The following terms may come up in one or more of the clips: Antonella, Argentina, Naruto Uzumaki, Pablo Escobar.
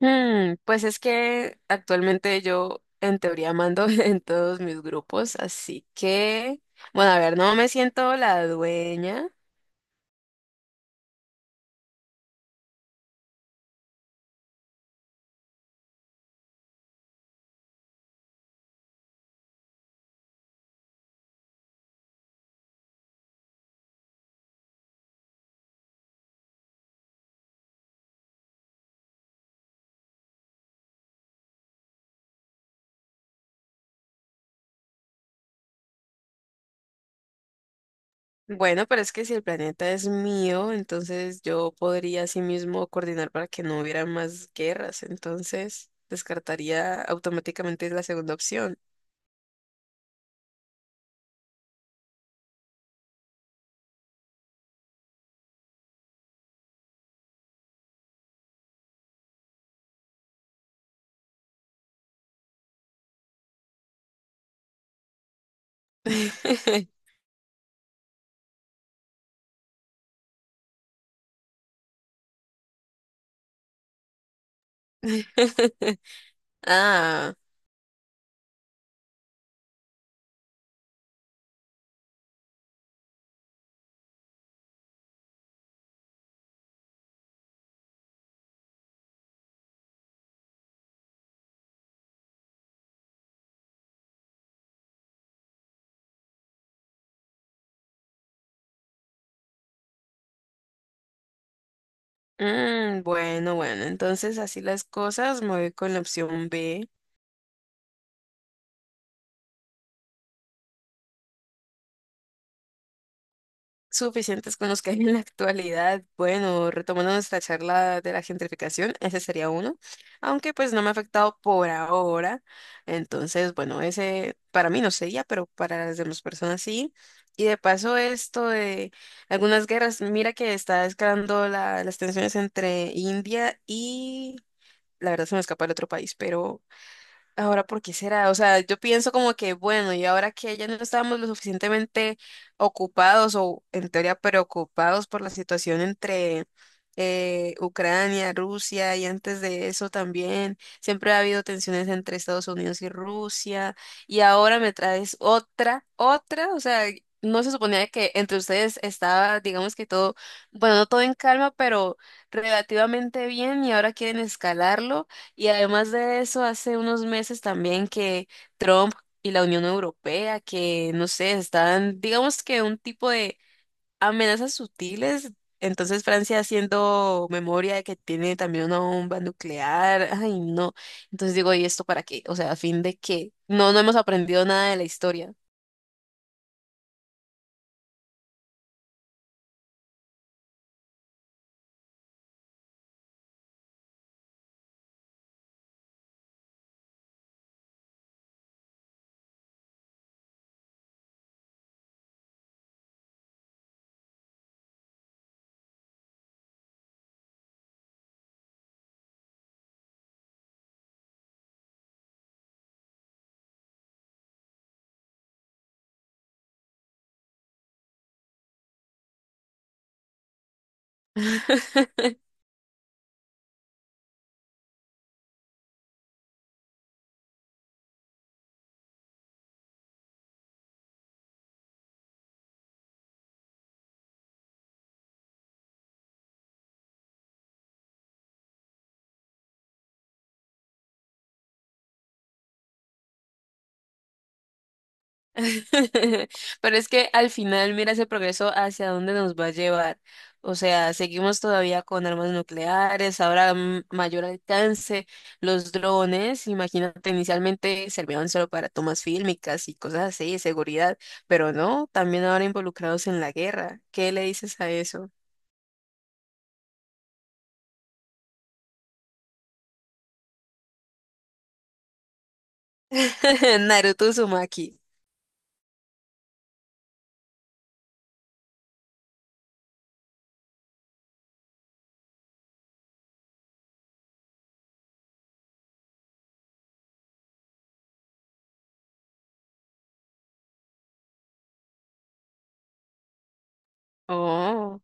Pues es que actualmente yo en teoría mando en todos mis grupos, así que, bueno, a ver, no me siento la dueña. Bueno, pero es que si el planeta es mío, entonces yo podría así mismo coordinar para que no hubiera más guerras, entonces descartaría automáticamente la segunda opción. Ah, bueno, entonces así las cosas, me voy con la opción B. Suficientes con los que hay en la actualidad. Bueno, retomando nuestra charla de la gentrificación, ese sería uno, aunque pues no me ha afectado por ahora. Entonces, bueno, ese para mí no sería, pero para las demás personas sí. Y de paso esto de algunas guerras, mira que está escalando las tensiones entre India y, la verdad se me escapa el otro país, pero ahora, ¿por qué será? O sea, yo pienso como que, bueno, y ahora que ya no estábamos lo suficientemente ocupados o en teoría preocupados por la situación entre Ucrania, Rusia, y antes de eso también, siempre ha habido tensiones entre Estados Unidos y Rusia y ahora me traes otra, o sea, no se suponía que entre ustedes estaba, digamos que todo, bueno, no todo en calma, pero relativamente bien, y ahora quieren escalarlo. Y además de eso, hace unos meses también que Trump y la Unión Europea, que no sé, están, digamos, que un tipo de amenazas sutiles. Entonces Francia haciendo memoria de que tiene también una bomba nuclear. Ay, no. Entonces digo, ¿y esto para qué? O sea, a fin de qué, no, no hemos aprendido nada de la historia. Pero es que al final, mira ese progreso hacia dónde nos va a llevar. O sea, seguimos todavía con armas nucleares, ahora mayor alcance, los drones, imagínate, inicialmente servían solo para tomas fílmicas y cosas así, de seguridad, pero no, también ahora involucrados en la guerra. ¿Qué le dices a eso? Naruto Uzumaki. Oh,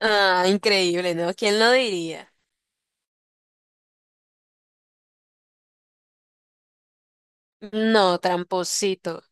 ah, increíble, ¿no? ¿Quién lo diría? No, tramposito.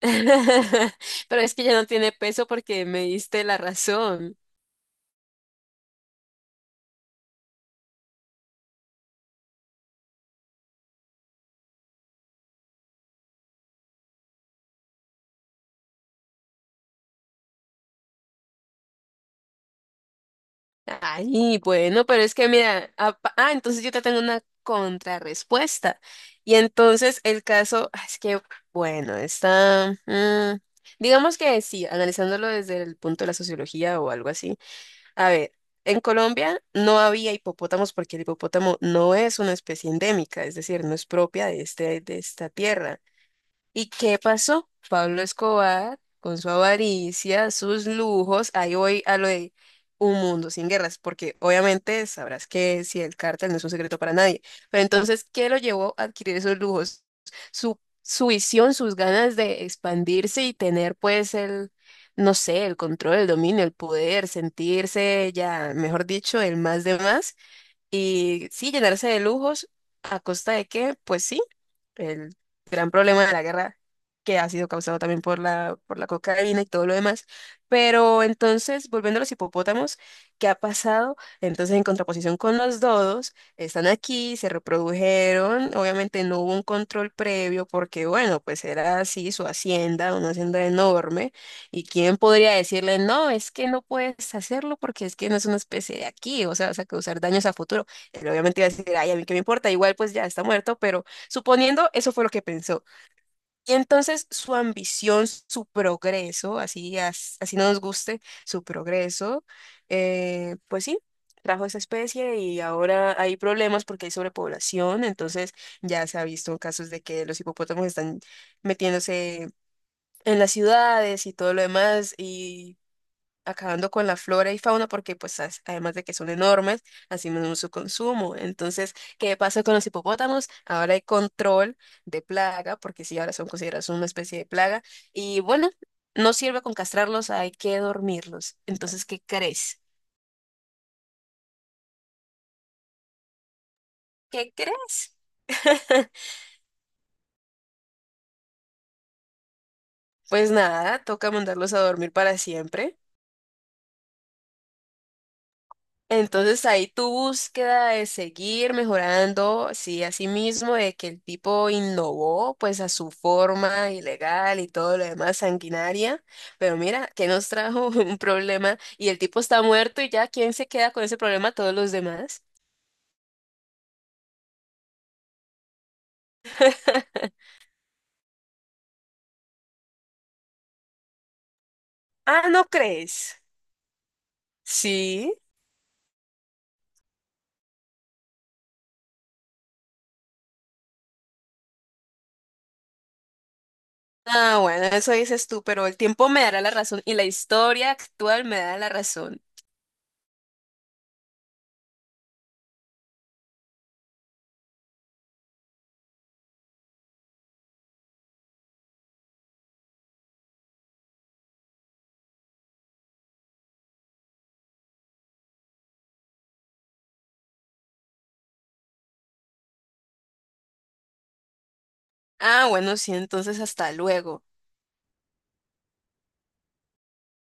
Pero es que ya no tiene peso porque me diste la razón. Ay, bueno, pero es que mira, ah, entonces yo te tengo una contrarrespuesta. Y entonces el caso, ah, es que, bueno, está, digamos que sí, analizándolo desde el punto de la sociología o algo así. A ver, en Colombia no había hipopótamos porque el hipopótamo no es una especie endémica, es decir, no es propia de de esta tierra. ¿Y qué pasó? Pablo Escobar, con su avaricia, sus lujos, ahí voy a lo de un mundo sin guerras, porque obviamente sabrás que si el cártel no es un secreto para nadie. Pero entonces, ¿qué lo llevó a adquirir esos lujos? Su visión, sus ganas de expandirse y tener pues el, no sé, el control, el dominio, el poder, sentirse ya, mejor dicho, el más de más, y sí, llenarse de lujos. ¿A costa de qué? Pues sí, el gran problema de la guerra, que ha sido causado también por por la cocaína y todo lo demás. Pero entonces, volviendo a los hipopótamos, ¿qué ha pasado? Entonces, en contraposición con los dodos, están aquí, se reprodujeron, obviamente no hubo un control previo porque, bueno, pues era así su hacienda, una hacienda enorme, y quién podría decirle, no, es que no puedes hacerlo porque es que no es una especie de aquí, o sea, vas a causar daños a futuro. Él obviamente iba a decir, ay, a mí qué me importa, igual pues ya está muerto, pero suponiendo, eso fue lo que pensó. Y entonces su ambición, su progreso, así, así no nos guste, su progreso, pues sí, trajo esa especie y ahora hay problemas porque hay sobrepoblación, entonces ya se ha visto casos de que los hipopótamos están metiéndose en las ciudades y todo lo demás, y acabando con la flora y fauna porque pues además de que son enormes, así mismo su consumo. Entonces, ¿qué pasa con los hipopótamos? Ahora hay control de plaga, porque sí, ahora son considerados una especie de plaga. Y bueno, no sirve con castrarlos, hay que dormirlos. Entonces, ¿qué crees? ¿Qué crees? Pues nada, toca mandarlos a dormir para siempre. Entonces ahí tu búsqueda de seguir mejorando, sí, así mismo, de que el tipo innovó pues a su forma ilegal y todo lo demás sanguinaria, pero mira, que nos trajo un problema y el tipo está muerto y ya, ¿quién se queda con ese problema? Todos los demás. Ah, ¿no crees? Sí. Ah, bueno, eso dices tú, pero el tiempo me dará la razón y la historia actual me da la razón. Ah, bueno, sí, entonces hasta luego.